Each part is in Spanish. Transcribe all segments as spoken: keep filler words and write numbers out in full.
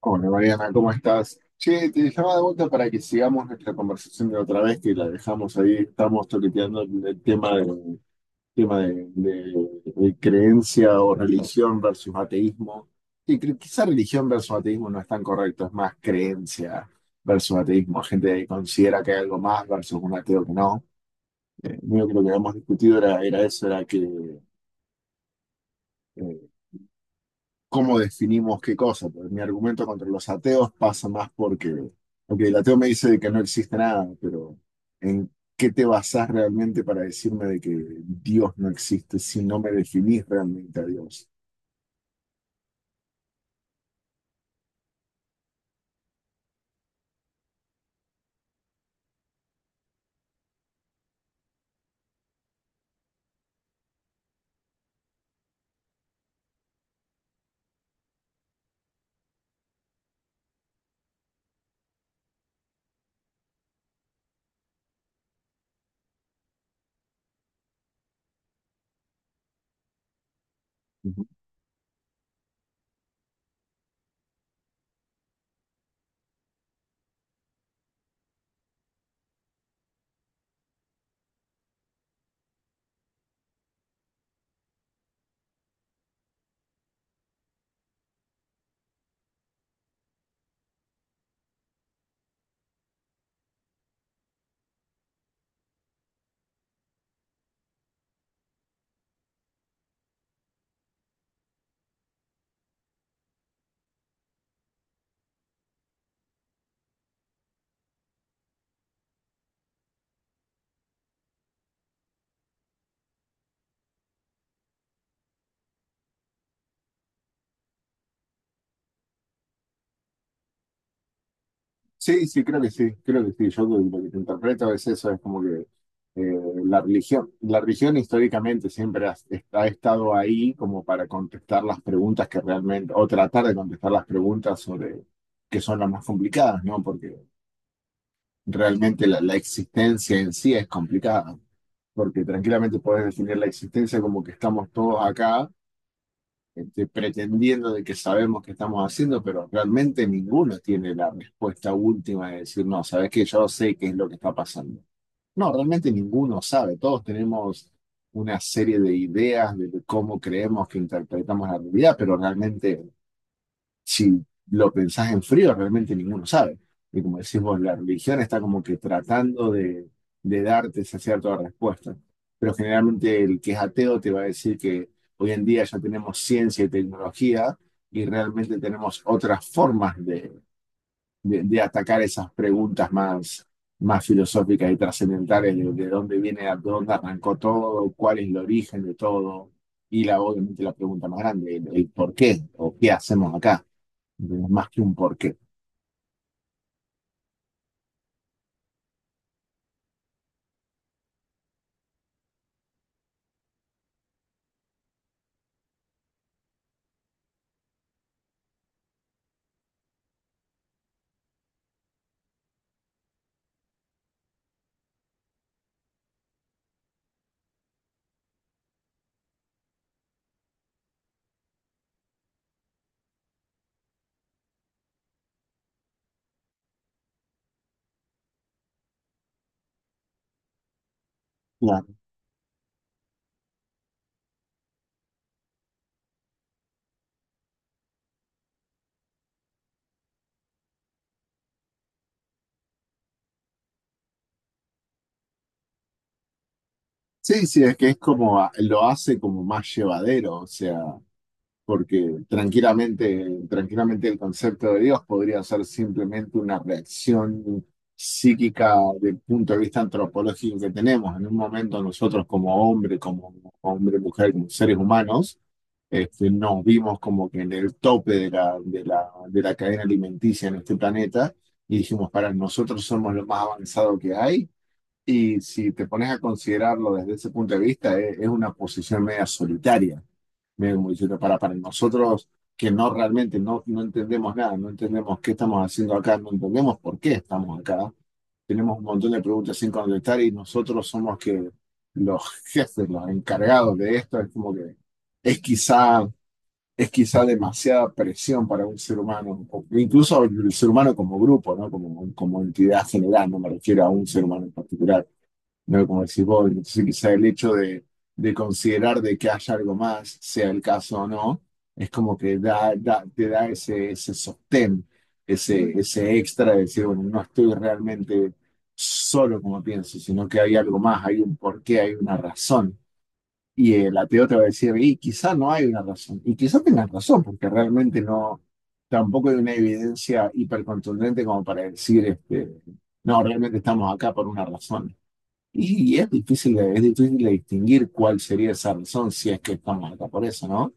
Hola Mariana, ¿cómo estás? Che, te llamaba de vuelta para que sigamos nuestra conversación de otra vez, que la dejamos ahí, estamos toqueteando el el tema de, tema de, de- de creencia o religión versus ateísmo. Y cre- quizá religión versus ateísmo no es tan correcto, es más creencia versus ateísmo, gente que considera que hay algo más versus un ateo que no. Yo creo que lo que habíamos discutido era, era eso, era que, eh, cómo definimos qué cosa. Pues, mi argumento contra los ateos pasa más porque, ok, el ateo me dice de que no existe nada, pero ¿en qué te basás realmente para decirme de que Dios no existe si no me definís realmente a Dios? Ujú. Sí, sí, creo que sí, creo que sí. Yo lo lo que te interpreto es eso, es como que eh, la religión, la religión históricamente siempre ha, ha estado ahí como para contestar las preguntas que realmente, o tratar de contestar las preguntas sobre que son las más complicadas, ¿no? Porque realmente la, la existencia en sí es complicada, porque tranquilamente puedes definir la existencia como que estamos todos acá, este, pretendiendo de que sabemos qué estamos haciendo, pero realmente ninguno tiene la respuesta última de decir, no, sabes que yo sé qué es lo que está pasando. No, realmente ninguno sabe, todos tenemos una serie de ideas de cómo creemos que interpretamos la realidad, pero realmente si lo pensás en frío, realmente ninguno sabe. Y como decimos, la religión está como que tratando de, de darte esa cierta respuesta. Pero generalmente el que es ateo te va a decir que hoy en día ya tenemos ciencia y tecnología y realmente tenemos otras formas de, de- de atacar esas preguntas más, más filosóficas y trascendentales de, de dónde viene, de dónde arrancó todo, cuál es el origen de todo. Y la, obviamente la pregunta más grande, el el por qué o qué hacemos acá más que un porqué. Claro. Sí, sí, es que es como, a- lo hace como más llevadero, o sea, porque tranquilamente, tranquilamente el concepto de Dios podría ser simplemente una reacción psíquica del punto de vista antropológico que tenemos. En un momento nosotros como hombre, como hombre, mujer, como seres humanos, este, nos vimos como que en el tope de la, de la, de la cadena alimenticia en este planeta y dijimos, para, nosotros somos lo más avanzado que hay. Y si te pones a considerarlo desde ese punto de vista, e- es, una posición media solitaria, medio como diciendo, para, para nosotros que no realmente no, no entendemos nada, no entendemos qué estamos haciendo acá, no entendemos por qué estamos acá. Tenemos un montón de preguntas sin contestar y nosotros somos que los jefes, los encargados de esto, es como que es quizá, es quizá demasiada presión para un ser humano, o incluso el ser humano como grupo, ¿no? Como, como entidad general, no me refiero a un ser humano en particular no, como decís vos, entonces quizá el hecho de, de considerar de que haya algo más, sea el caso o no, es como que da, da- te da ese, ese sostén, ese, ese extra de decir, bueno, no estoy realmente solo como pienso, sino que hay algo más, hay un porqué, hay una razón. Y el ateo te va a decir, y quizá no hay una razón, y quizá tengas razón, porque realmente no, tampoco hay una evidencia hipercontundente como para decir, este, no, realmente estamos acá por una razón. Y es difícil de, es difícil de distinguir cuál sería esa razón, si es que estamos acá por eso, ¿no?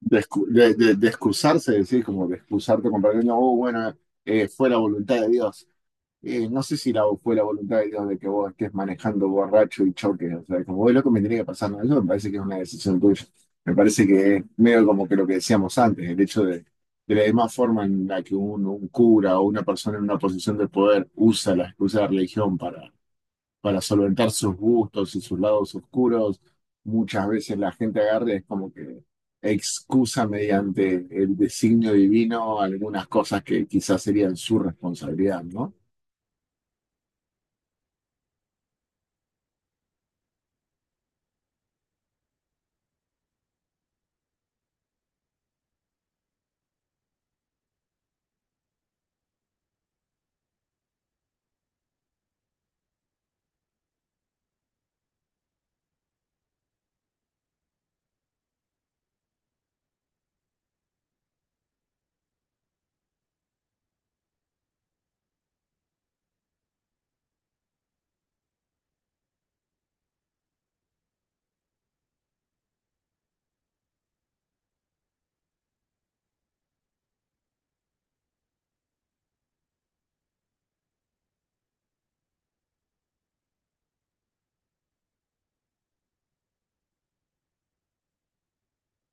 De, excu- de, de- de excusarse, es decir, como de excusarte con perdón, no, oh, bueno, eh, fue la voluntad de Dios. Eh, no sé si la, fue la voluntad de Dios de que vos estés manejando borracho y choques, o sea, como es lo que me tenía que pasar, ¿no? Eso me parece que es una decisión tuya. Me parece que es medio como que lo que decíamos antes, el hecho de, de la misma forma en la que un, un cura o una persona en una posición de poder usa la excusa de la religión para solventar sus gustos y sus lados oscuros. Muchas veces la gente agarra y es como que excusa mediante el designio divino algunas cosas que quizás serían su responsabilidad, ¿no?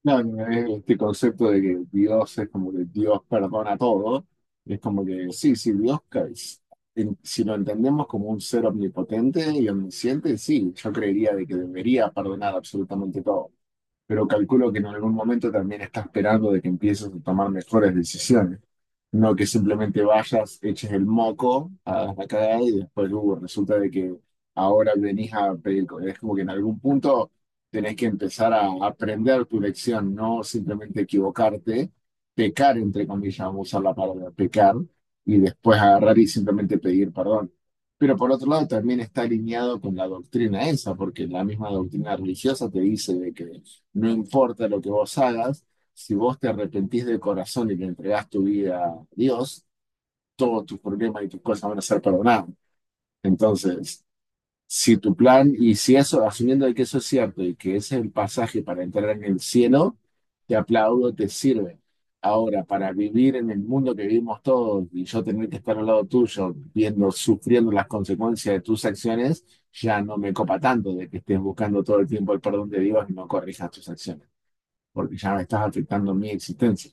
Claro, es este concepto de que Dios es como que Dios perdona todo, es como que sí, sí, Dios, ca- es- en- si lo entendemos como un ser omnipotente y omnisciente, sí, yo creería de que debería perdonar absolutamente todo. Pero calculo que en algún momento también está esperando de que empieces a tomar mejores decisiones. No que simplemente vayas, eches el moco, hagas la cagada y después uh, resulta de que ahora venís a pedir. co- Es como que en algún punto tenés que empezar a aprender tu lección, no simplemente equivocarte, pecar, entre comillas, vamos a usar la palabra pecar, y después agarrar y simplemente pedir perdón. Pero por otro lado también está alineado con la doctrina esa, porque la misma doctrina religiosa te dice de que no importa lo que vos hagas si vos te arrepentís de corazón y le entregás tu vida a Dios, todos tus problemas y tus cosas van a ser perdonados. Entonces, si tu plan, y si eso, asumiendo de que eso es cierto y que ese es el pasaje para entrar en el cielo, te aplaudo, te sirve. Ahora, para vivir en el mundo que vivimos todos y yo tener que estar al lado tuyo, viendo, sufriendo las consecuencias de tus acciones, ya no me copa tanto de que estés buscando todo el tiempo el perdón de Dios y no corrijas tus acciones, porque ya me estás afectando mi existencia.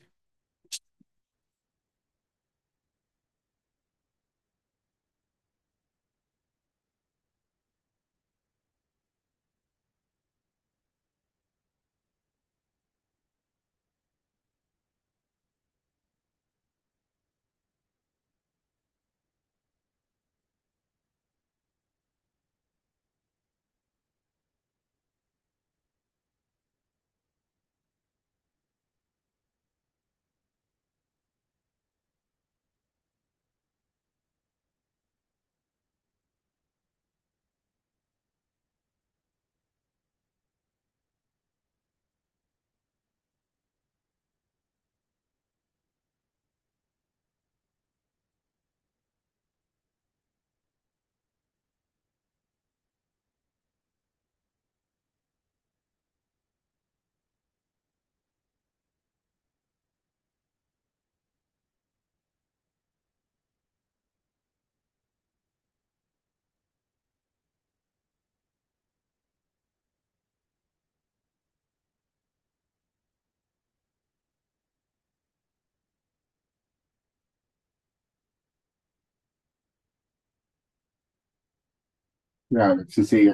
Claro, sí, sí,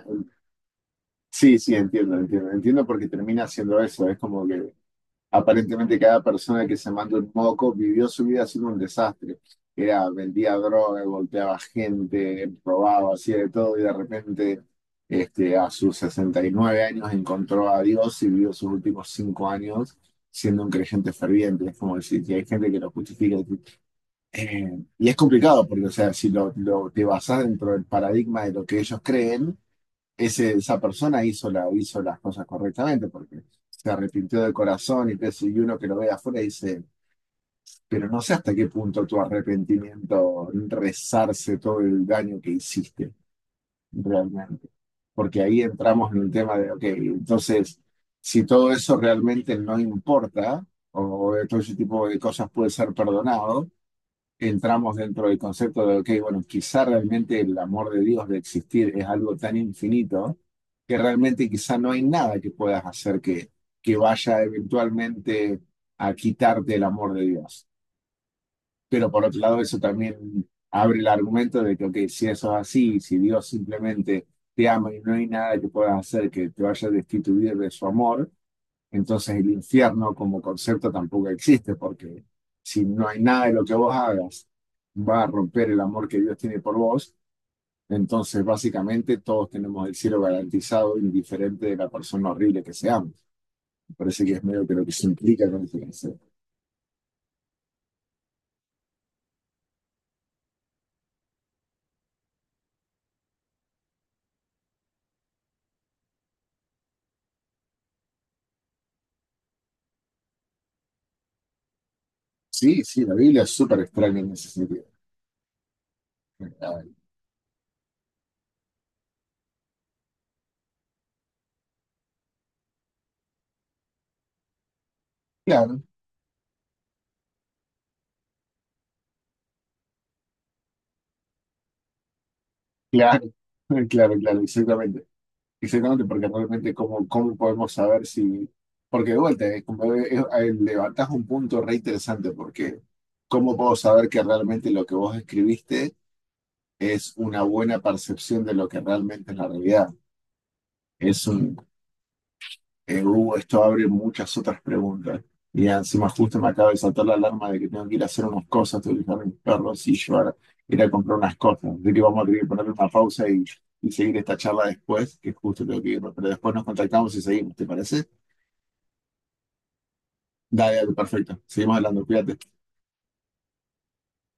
sí, sí, entiendo, entiendo, entiendo porque termina haciendo eso, es como que aparentemente cada persona que se mandó un moco vivió su vida siendo un desastre, era, vendía droga, golpeaba gente, probaba, hacía de todo y de repente este, a sus sesenta y nueve años encontró a Dios y vivió sus últimos cinco años siendo un creyente ferviente, es como decir, que hay gente que lo justifica, eh, y es complicado porque, o sea, si lo, lo, te basas dentro del paradigma de lo que ellos creen, ese- esa persona hizo, la, hizo las cosas correctamente porque se arrepintió de corazón y, te, y uno que lo ve de afuera dice, pero no sé hasta qué punto tu arrepentimiento resarce todo el daño que hiciste realmente. Porque ahí entramos en un tema de, ok, entonces, si todo eso realmente no importa, o, o todo ese tipo de cosas puede ser perdonado, entramos dentro del concepto de, ok, bueno, quizá realmente el amor de Dios de existir es algo tan infinito que realmente quizá no hay nada que puedas hacer que, que vaya eventualmente a quitarte el amor de Dios. Pero por otro lado, eso también abre el argumento de que, ok, si eso es así, si Dios simplemente te ama y no hay nada que puedas hacer que te vaya a destituir de su amor, entonces el infierno como concepto tampoco existe, porque si no hay nada de lo que vos hagas va a romper el amor que Dios tiene por vos, entonces básicamente todos tenemos el cielo garantizado, indiferente de la persona horrible que seamos. Me parece que es medio que lo que se implica con este concepto. Sí, sí, la Biblia es súper extraña en ese sentido. Claro, claro, claro, claro, exactamente. Exactamente, porque realmente cómo, cómo podemos saber si... Porque de vuelta, es como- es- es- levantas un punto re interesante, porque ¿cómo puedo saber que realmente lo que vos escribiste es una buena percepción de lo que realmente es la realidad? Es un... eh, uh, Esto abre muchas otras preguntas. Y encima justo me acaba de saltar la alarma de que tengo que ir a hacer unas cosas, tengo que dejar a mis perros y llevar, ir a comprar unas cosas. Así que vamos a tener que poner una pausa y y seguir esta charla después, que justo tengo que irme, pero después nos contactamos y seguimos, ¿te parece? Dale, dale, perfecto. Seguimos hablando, cuídate.